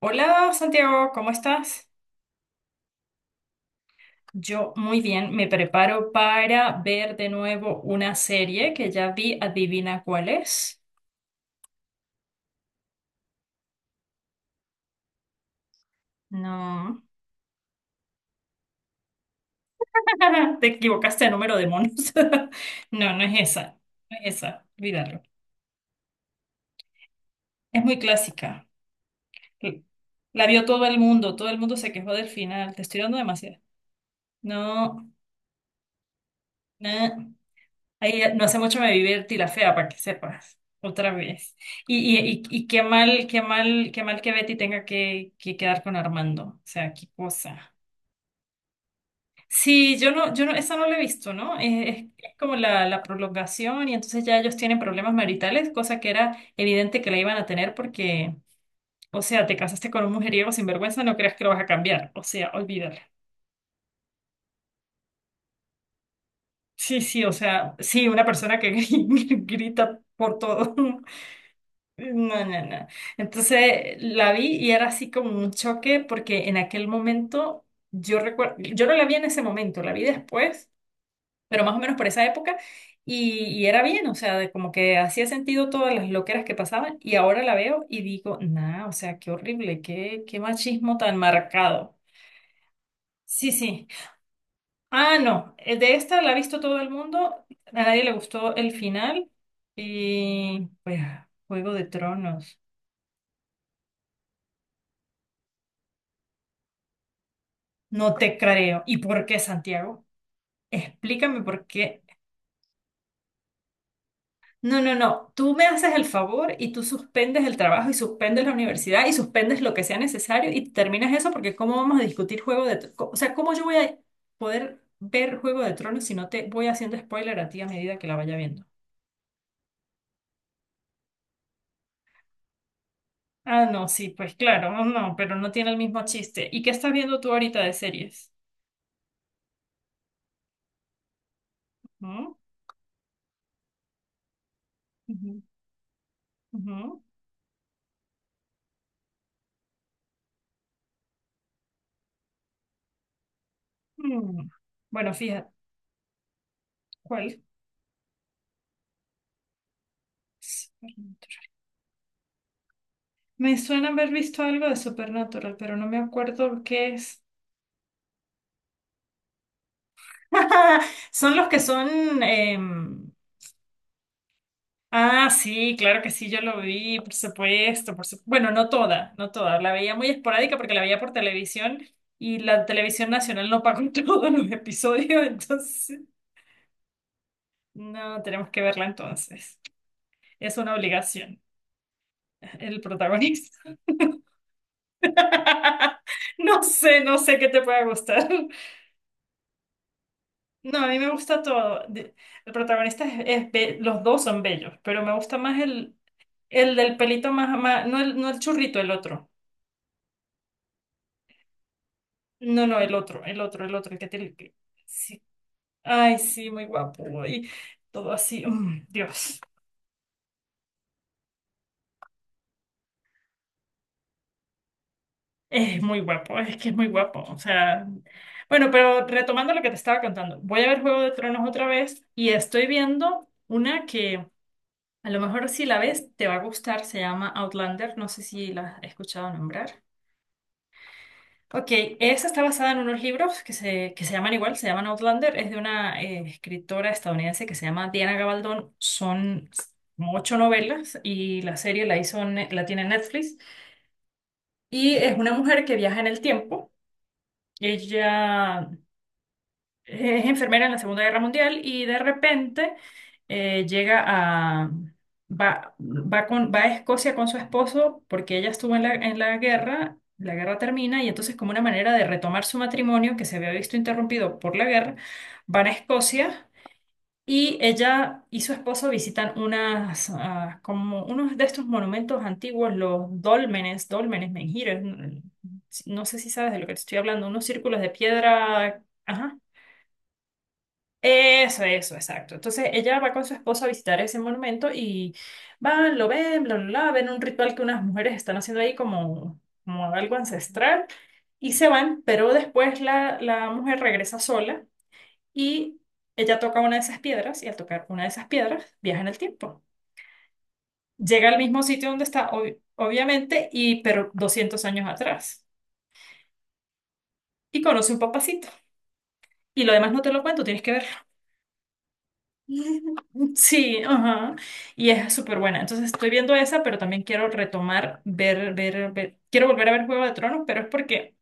Hola Santiago, ¿cómo estás? Yo muy bien, me preparo para ver de nuevo una serie que ya vi, adivina cuál es. No, te equivocaste de número de monos. No, no es esa, no es esa, olvídalo. Es muy clásica. La vio todo el mundo se quejó del final, te estoy dando demasiado. No, no. Ahí no hace mucho me vi Betty la fea, para que sepas, otra vez. Y qué mal, qué mal, qué mal que Betty tenga que quedar con Armando. O sea, qué cosa. Sí, yo no, esa no la he visto, ¿no? Es como la prolongación y entonces ya ellos tienen problemas maritales, cosa que era evidente que la iban a tener porque, o sea, te casaste con un mujeriego sin vergüenza, no creas que lo vas a cambiar. O sea, olvídalo. Sí, sí, o sea, sí, una persona que grita por todo. No, no, no. Entonces la vi y era así como un choque porque en aquel momento yo recuerdo, yo no la vi en ese momento, la vi después, pero más o menos por esa época y era bien, o sea, de como que hacía sentido todas las loqueras que pasaban y ahora la veo y digo, nah, o sea, qué horrible, qué, qué machismo tan marcado. Sí, sí. Ah, no, de esta la ha visto todo el mundo, a nadie le gustó el final y pues Juego de Tronos. No te creo. ¿Y por qué, Santiago? Explícame por qué. No, no, no. Tú me haces el favor y tú suspendes el trabajo y suspendes la universidad y suspendes lo que sea necesario y terminas eso porque ¿cómo vamos a discutir Juego de Tronos? O sea, ¿cómo yo voy a poder ver Juego de Tronos si no te voy haciendo spoiler a ti a medida que la vaya viendo? Ah, no, sí, pues claro, no, no, pero no tiene el mismo chiste. ¿Y qué estás viendo tú ahorita de series? ¿Mm? Ujú, ujú, mm. Bueno, fíjate, ¿cuál? Me suena haber visto algo de Supernatural, pero no me acuerdo qué es. Son los que son... Ah, sí, claro que sí, yo lo vi, por supuesto, por supuesto. Bueno, no toda, no toda. La veía muy esporádica porque la veía por televisión y la televisión nacional no pagó todos los episodios, entonces no, tenemos que verla entonces. Es una obligación, el protagonista. No sé, no sé qué te pueda gustar. No, a mí me gusta todo. De- El protagonista es be- los dos son bellos, pero me gusta más el del pelito más, más no el, no el churrito, el otro. No, no, el otro, el otro, el otro, el que tiene que... Sí. Ay, sí, muy guapo. Y todo así, mm, Dios, es muy guapo, es que es muy guapo. O sea, bueno, pero retomando lo que te estaba contando, voy a ver Juego de Tronos otra vez y estoy viendo una que a lo mejor si la ves te va a gustar, se llama Outlander, no sé si la has escuchado nombrar. Ok, esa está basada en unos libros que que se llaman igual, se llaman Outlander, es de una escritora estadounidense que se llama Diana Gabaldón, son como ocho novelas y la serie la hizo, Ne- la tiene Netflix y es una mujer que viaja en el tiempo, ella es enfermera en la Segunda Guerra Mundial y de repente llega a... Va, va, con, va a Escocia con su esposo porque ella estuvo en la guerra termina y entonces como una manera de retomar su matrimonio que se había visto interrumpido por la guerra, van a Escocia y ella y su esposo visitan unas, ah, como unos de estos monumentos antiguos, los dólmenes, dólmenes, menhires, no sé si sabes de lo que te estoy hablando, unos círculos de piedra, ajá, eso, exacto. Entonces ella va con su esposo a visitar ese monumento y van, lo ven, bla, bla, bla, ven un ritual que unas mujeres están haciendo ahí como, como algo ancestral y se van, pero después la mujer regresa sola y ella toca una de esas piedras y al tocar una de esas piedras viaja en el tiempo. Llega al mismo sitio donde está, ob- obviamente, y pero 200 años atrás y conoce un papacito. Y lo demás no te lo cuento, tienes que verlo. Sí, ajá. Y es súper buena. Entonces estoy viendo esa, pero también quiero retomar, ver, ver, ver. Quiero volver a ver Juego de Tronos, pero es porque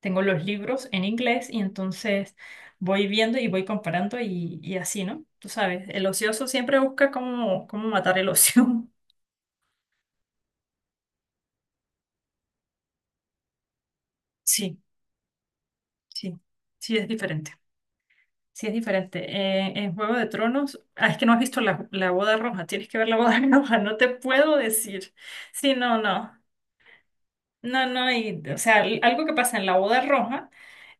tengo los libros en inglés y entonces voy viendo y voy comparando y así, ¿no? Tú sabes, el ocioso siempre busca cómo, cómo matar el ocio. Sí, sí, sí, es diferente. Sí, es diferente. En Juego de Tronos, ah, es que no has visto la boda roja, tienes que ver la boda roja, no te puedo decir. Sí, no, no. No, no, y, o sea, l- algo que pasa en la boda roja,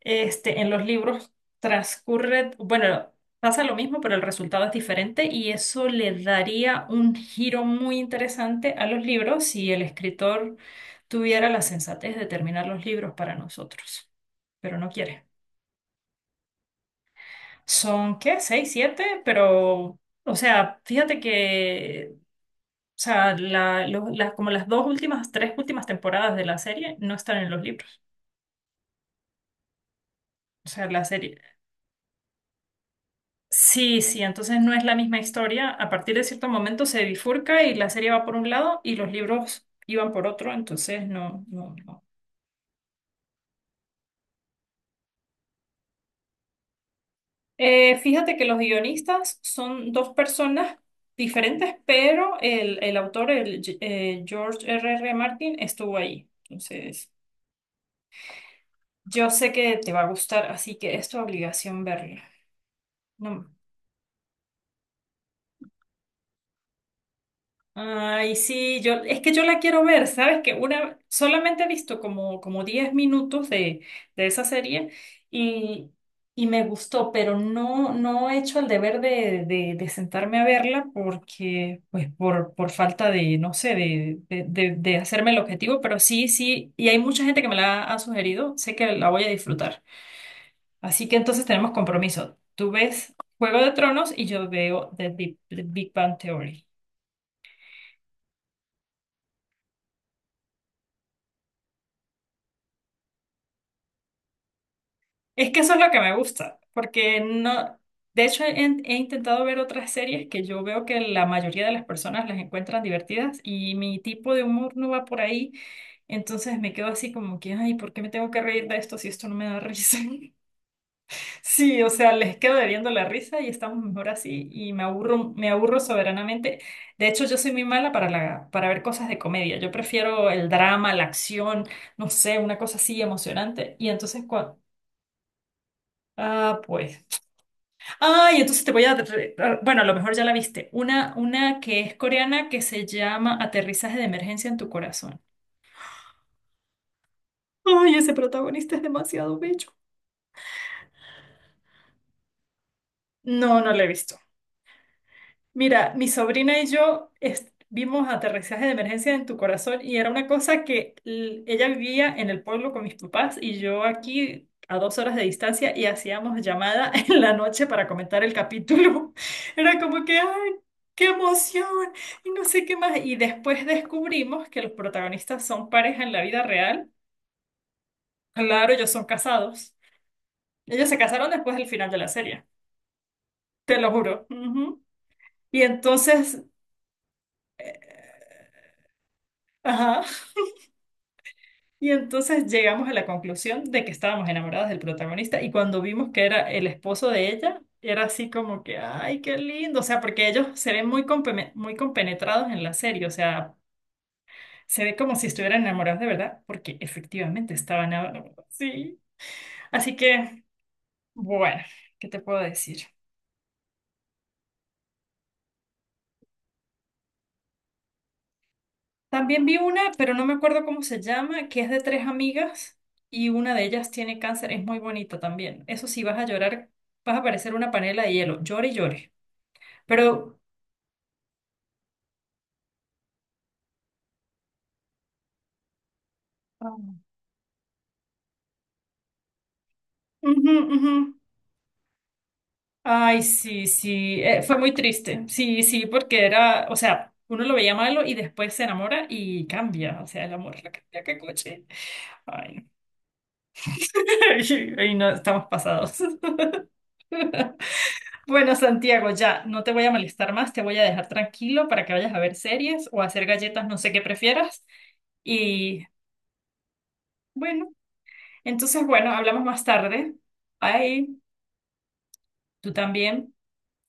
este, en los libros transcurre, bueno, pasa lo mismo, pero el resultado es diferente y eso le daría un giro muy interesante a los libros si el escritor tuviera la sensatez de terminar los libros para nosotros, pero no quiere. Son, ¿qué? ¿Seis, siete? Pero, o sea, fíjate que, o sea, la- lo- las- como las dos últimas, tres últimas temporadas de la serie no están en los libros. O sea, la serie, sí, sí, entonces no es la misma historia. A partir de cierto momento se bifurca y la serie va por un lado y los libros iban por otro, entonces no, no, no. Fíjate que los guionistas son dos personas diferentes, pero el autor, George R.R. Martin, estuvo ahí. Entonces, yo sé que te va a gustar, así que es tu obligación verla. No. Ay, sí, yo, es que yo la quiero ver, ¿sabes? Que una, solamente he visto como, como 10 minutos de esa serie y, y me gustó, pero no, no he hecho el deber de sentarme a verla porque, pues, por falta de, no sé, de hacerme el objetivo, pero sí, sí, y hay mucha gente que me la ha sugerido, sé que la voy a disfrutar. Así que entonces tenemos compromiso. Tú ves Juego de Tronos y yo veo The Big Bang Theory. Es que eso es lo que me gusta, porque no, de hecho he, he intentado ver otras series que yo veo que la mayoría de las personas las encuentran divertidas y mi tipo de humor no va por ahí, entonces me quedo así como que, ay, ¿por qué me tengo que reír de esto si esto no me da risa? Sí, o sea, les quedo debiendo la risa y estamos mejor así y me aburro soberanamente. De hecho, yo soy muy mala para la, para ver cosas de comedia. Yo prefiero el drama, la acción, no sé, una cosa así emocionante y entonces cuando... Ah, pues. Ay, entonces te voy a... re- a- bueno, a lo mejor ya la viste. Una que es coreana que se llama Aterrizaje de emergencia en tu corazón. Ay, ese protagonista es demasiado bello. No, no la he visto. Mira, mi sobrina y yo est- vimos Aterrizaje de Emergencia en tu Corazón y era una cosa que l- ella vivía en el pueblo con mis papás y yo aquí a 2 horas de distancia y hacíamos llamada en la noche para comentar el capítulo. Era como que, ¡ay, qué emoción! Y no sé qué más. Y después descubrimos que los protagonistas son pareja en la vida real. Claro, ellos son casados. Ellos se casaron después del final de la serie, te lo juro. Ujú. Y entonces... Ajá. Y entonces llegamos a la conclusión de que estábamos enamoradas del protagonista y cuando vimos que era el esposo de ella, era así como que, ay, qué lindo, o sea, porque ellos se ven muy, compeme- muy compenetrados en la serie, o sea, se ve como si estuvieran enamorados de verdad, porque efectivamente estaban enamorados, sí. Así que, bueno, ¿qué te puedo decir? También vi una, pero no me acuerdo cómo se llama, que es de tres amigas y una de ellas tiene cáncer, es muy bonita también. Eso sí, vas a llorar, vas a parecer una panela de hielo, llore y llore. Pero, ah, ujú, ujú. Ay, sí, sí, fue muy triste. Sí, sí, porque era, o sea, uno lo veía malo y después se enamora y cambia. O sea, el amor la cambia, qué coche. Ay, ay, no, estamos pasados. Bueno, Santiago, ya, no te voy a molestar más, te voy a dejar tranquilo para que vayas a ver series o a hacer galletas, no sé qué prefieras. Y bueno, entonces, bueno, hablamos más tarde. Ay, tú también.